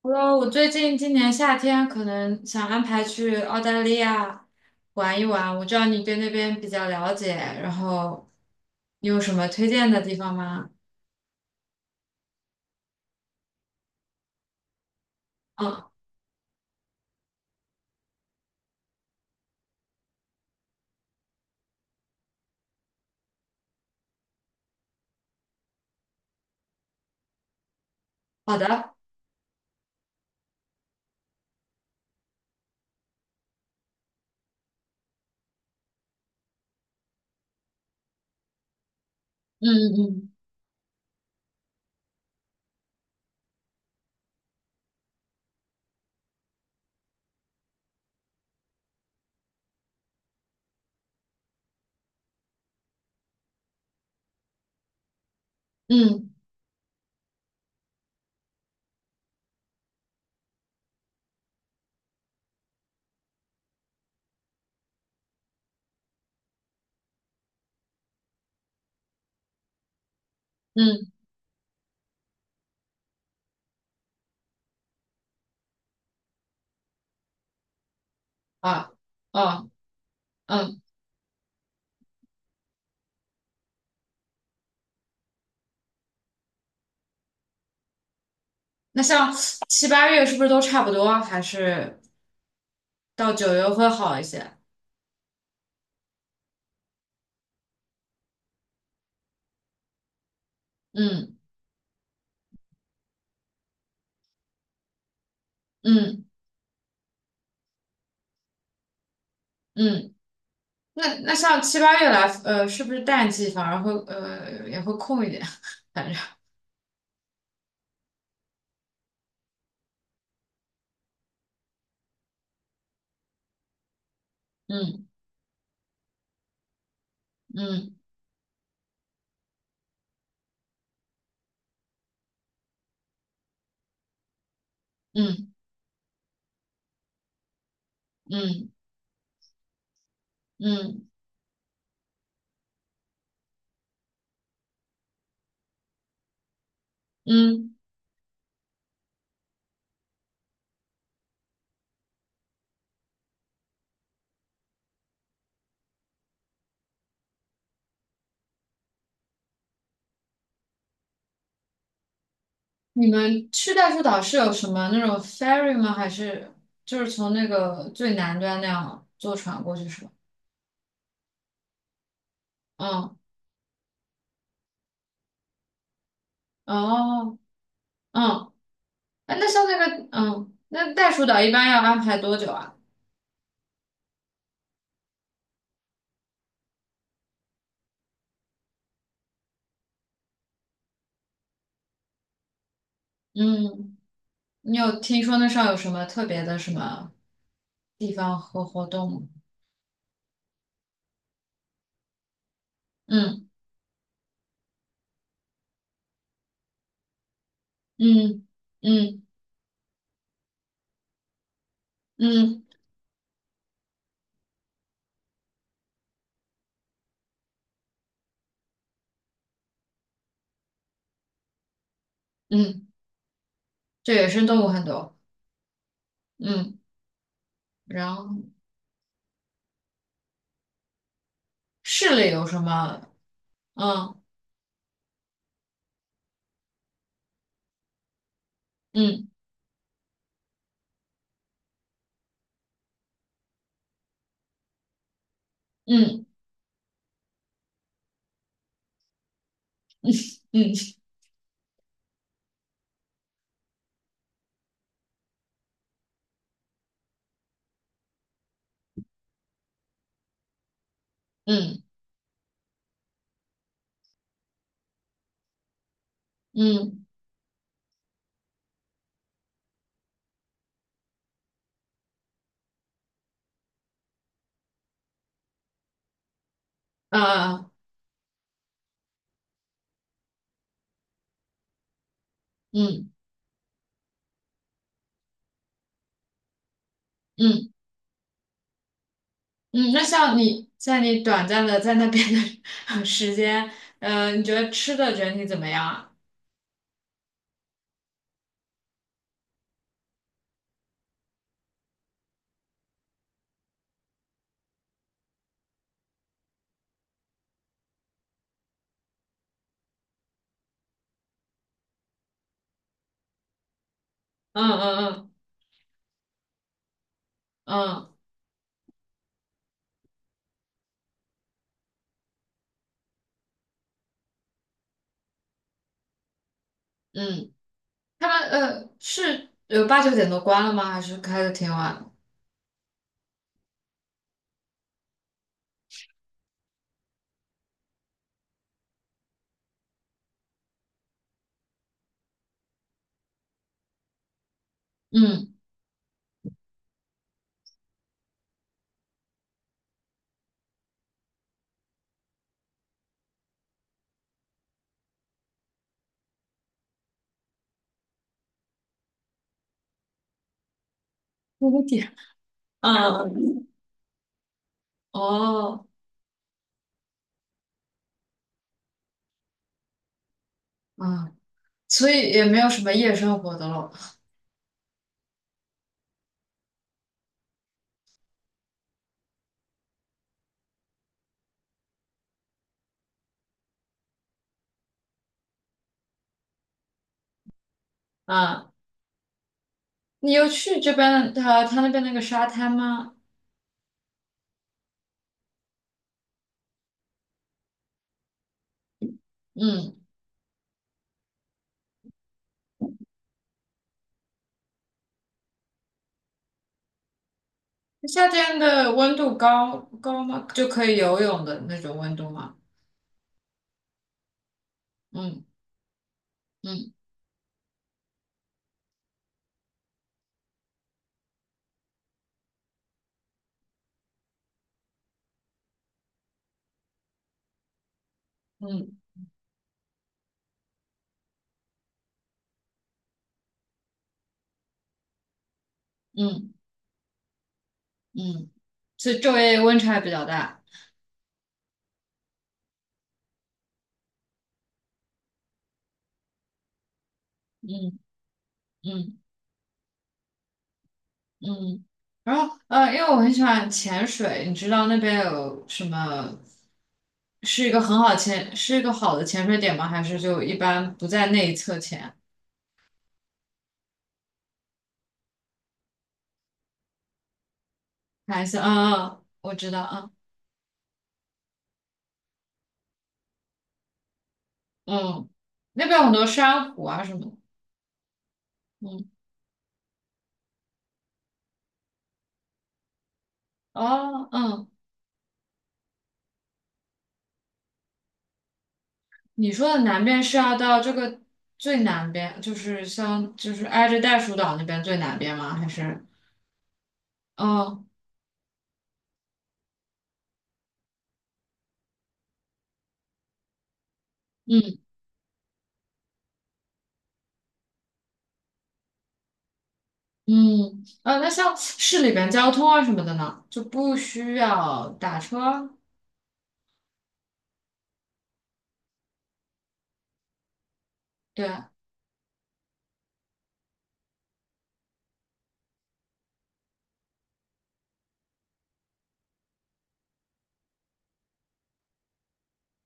我最近今年夏天可能想安排去澳大利亚玩一玩，我知道你对那边比较了解，然后你有什么推荐的地方吗？嗯，好的，嗯嗯嗯嗯，啊，哦嗯，那像七八月是不是都差不多？还是到九月会好一些？嗯嗯嗯，那像七八月来，是不是淡季反而会也会空一点？反正，嗯嗯嗯嗯。嗯嗯，你们去袋鼠岛是有什么那种 ferry 吗？还是就是从那个最南端那样坐船过去是吧？嗯，哦，嗯，哎，那像那个，那袋鼠岛一般要安排多久啊？嗯，你有听说那上有什么特别的什么地方和活动吗？嗯嗯嗯嗯嗯，这野生动物很多。嗯，然后市里有什么？嗯嗯嗯嗯嗯嗯。嗯呃嗯嗯嗯，那像你短暂的在那边的 时间，嗯，你觉得吃的整体怎么样啊？嗯嗯嗯嗯嗯，他们是八九点都关了吗？还是开的挺晚的？嗯，五点。嗯哦嗯，所以也没有什么夜生活的咯。啊，你有去这边的他那边那个沙滩吗？嗯。夏天的温度高高吗？就可以游泳的那种温度吗？嗯嗯嗯嗯嗯，是昼夜温差比较大。嗯嗯嗯。然后因为我很喜欢潜水，你知道那边有什么是一个很好潜，是一个好的潜水点吗？还是就一般不在内侧潜？还是嗯嗯，我知道，嗯嗯，那边有很多珊瑚啊什么的。嗯哦，嗯。你说的南边是要到这个最南边，就是像就是挨着袋鼠岛那边最南边吗？还是？哦，嗯嗯，那像市里边交通啊什么的呢，就不需要打车，对，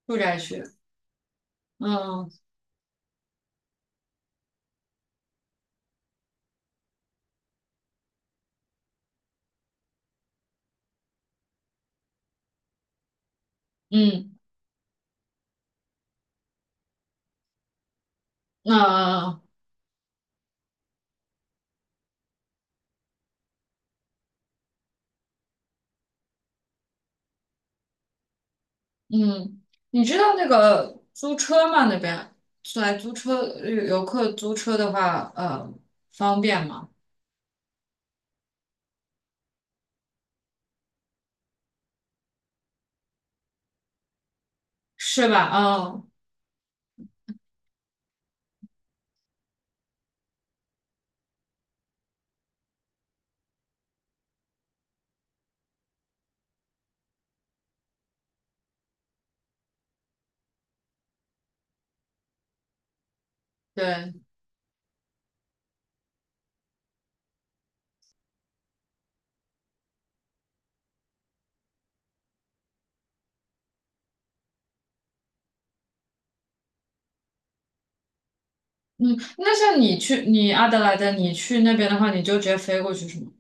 住宅区。嗯嗯那嗯，你知道那个租车吗？那边来租车，游客租车的话，方便吗？是吧？嗯，对。嗯，那像你去阿德莱德，你去那边的话，你就直接飞过去是吗？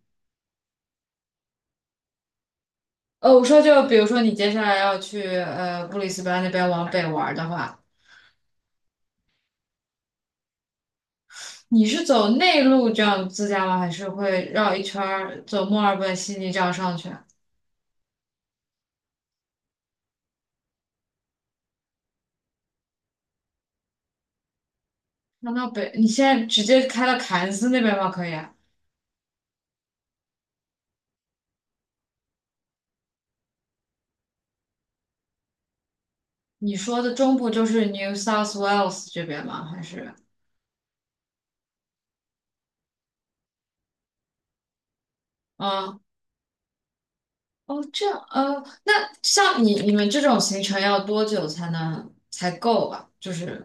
我说就比如说你接下来要去布里斯班那边往北玩儿的话，你是走内陆这样自驾吗？还是会绕一圈儿走墨尔本、悉尼这样上去啊？那到北，你现在直接开到凯恩斯那边吗？可以啊？你说的中部就是 New South Wales 这边吗？还是啊？哦，这样，那像你们这种行程要多久才能才够吧？就是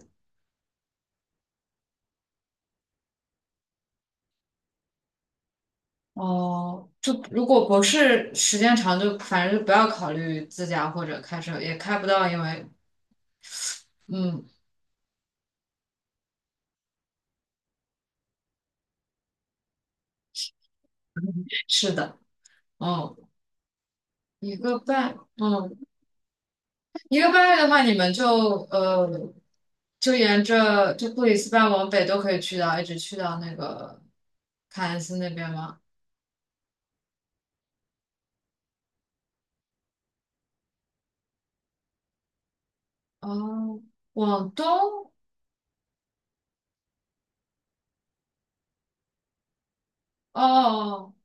哦，就如果不是时间长就，反正就不要考虑自驾或者开车，也开不到，因为嗯，是的，嗯，一个半，嗯，一个半月的话，你们呃，就沿着就布里斯班往北都可以去到，一直去到那个凯恩斯那边吗？哦，往东，哦，哦，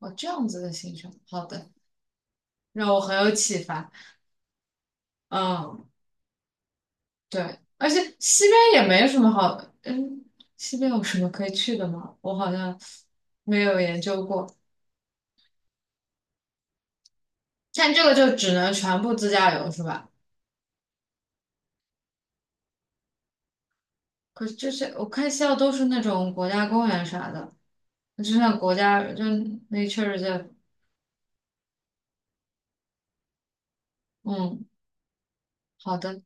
哦这样子的行程，好的，让我很有启发，嗯。对，而且西边也没什么好，嗯，西边有什么可以去的吗？我好像没有研究过。但这个就只能全部自驾游是吧？可是这些我看西澳都是那种国家公园啥的，就像国家就那确实 嗯，好的，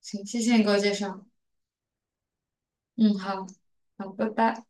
行，谢谢你给我介绍。嗯，好，好，拜拜。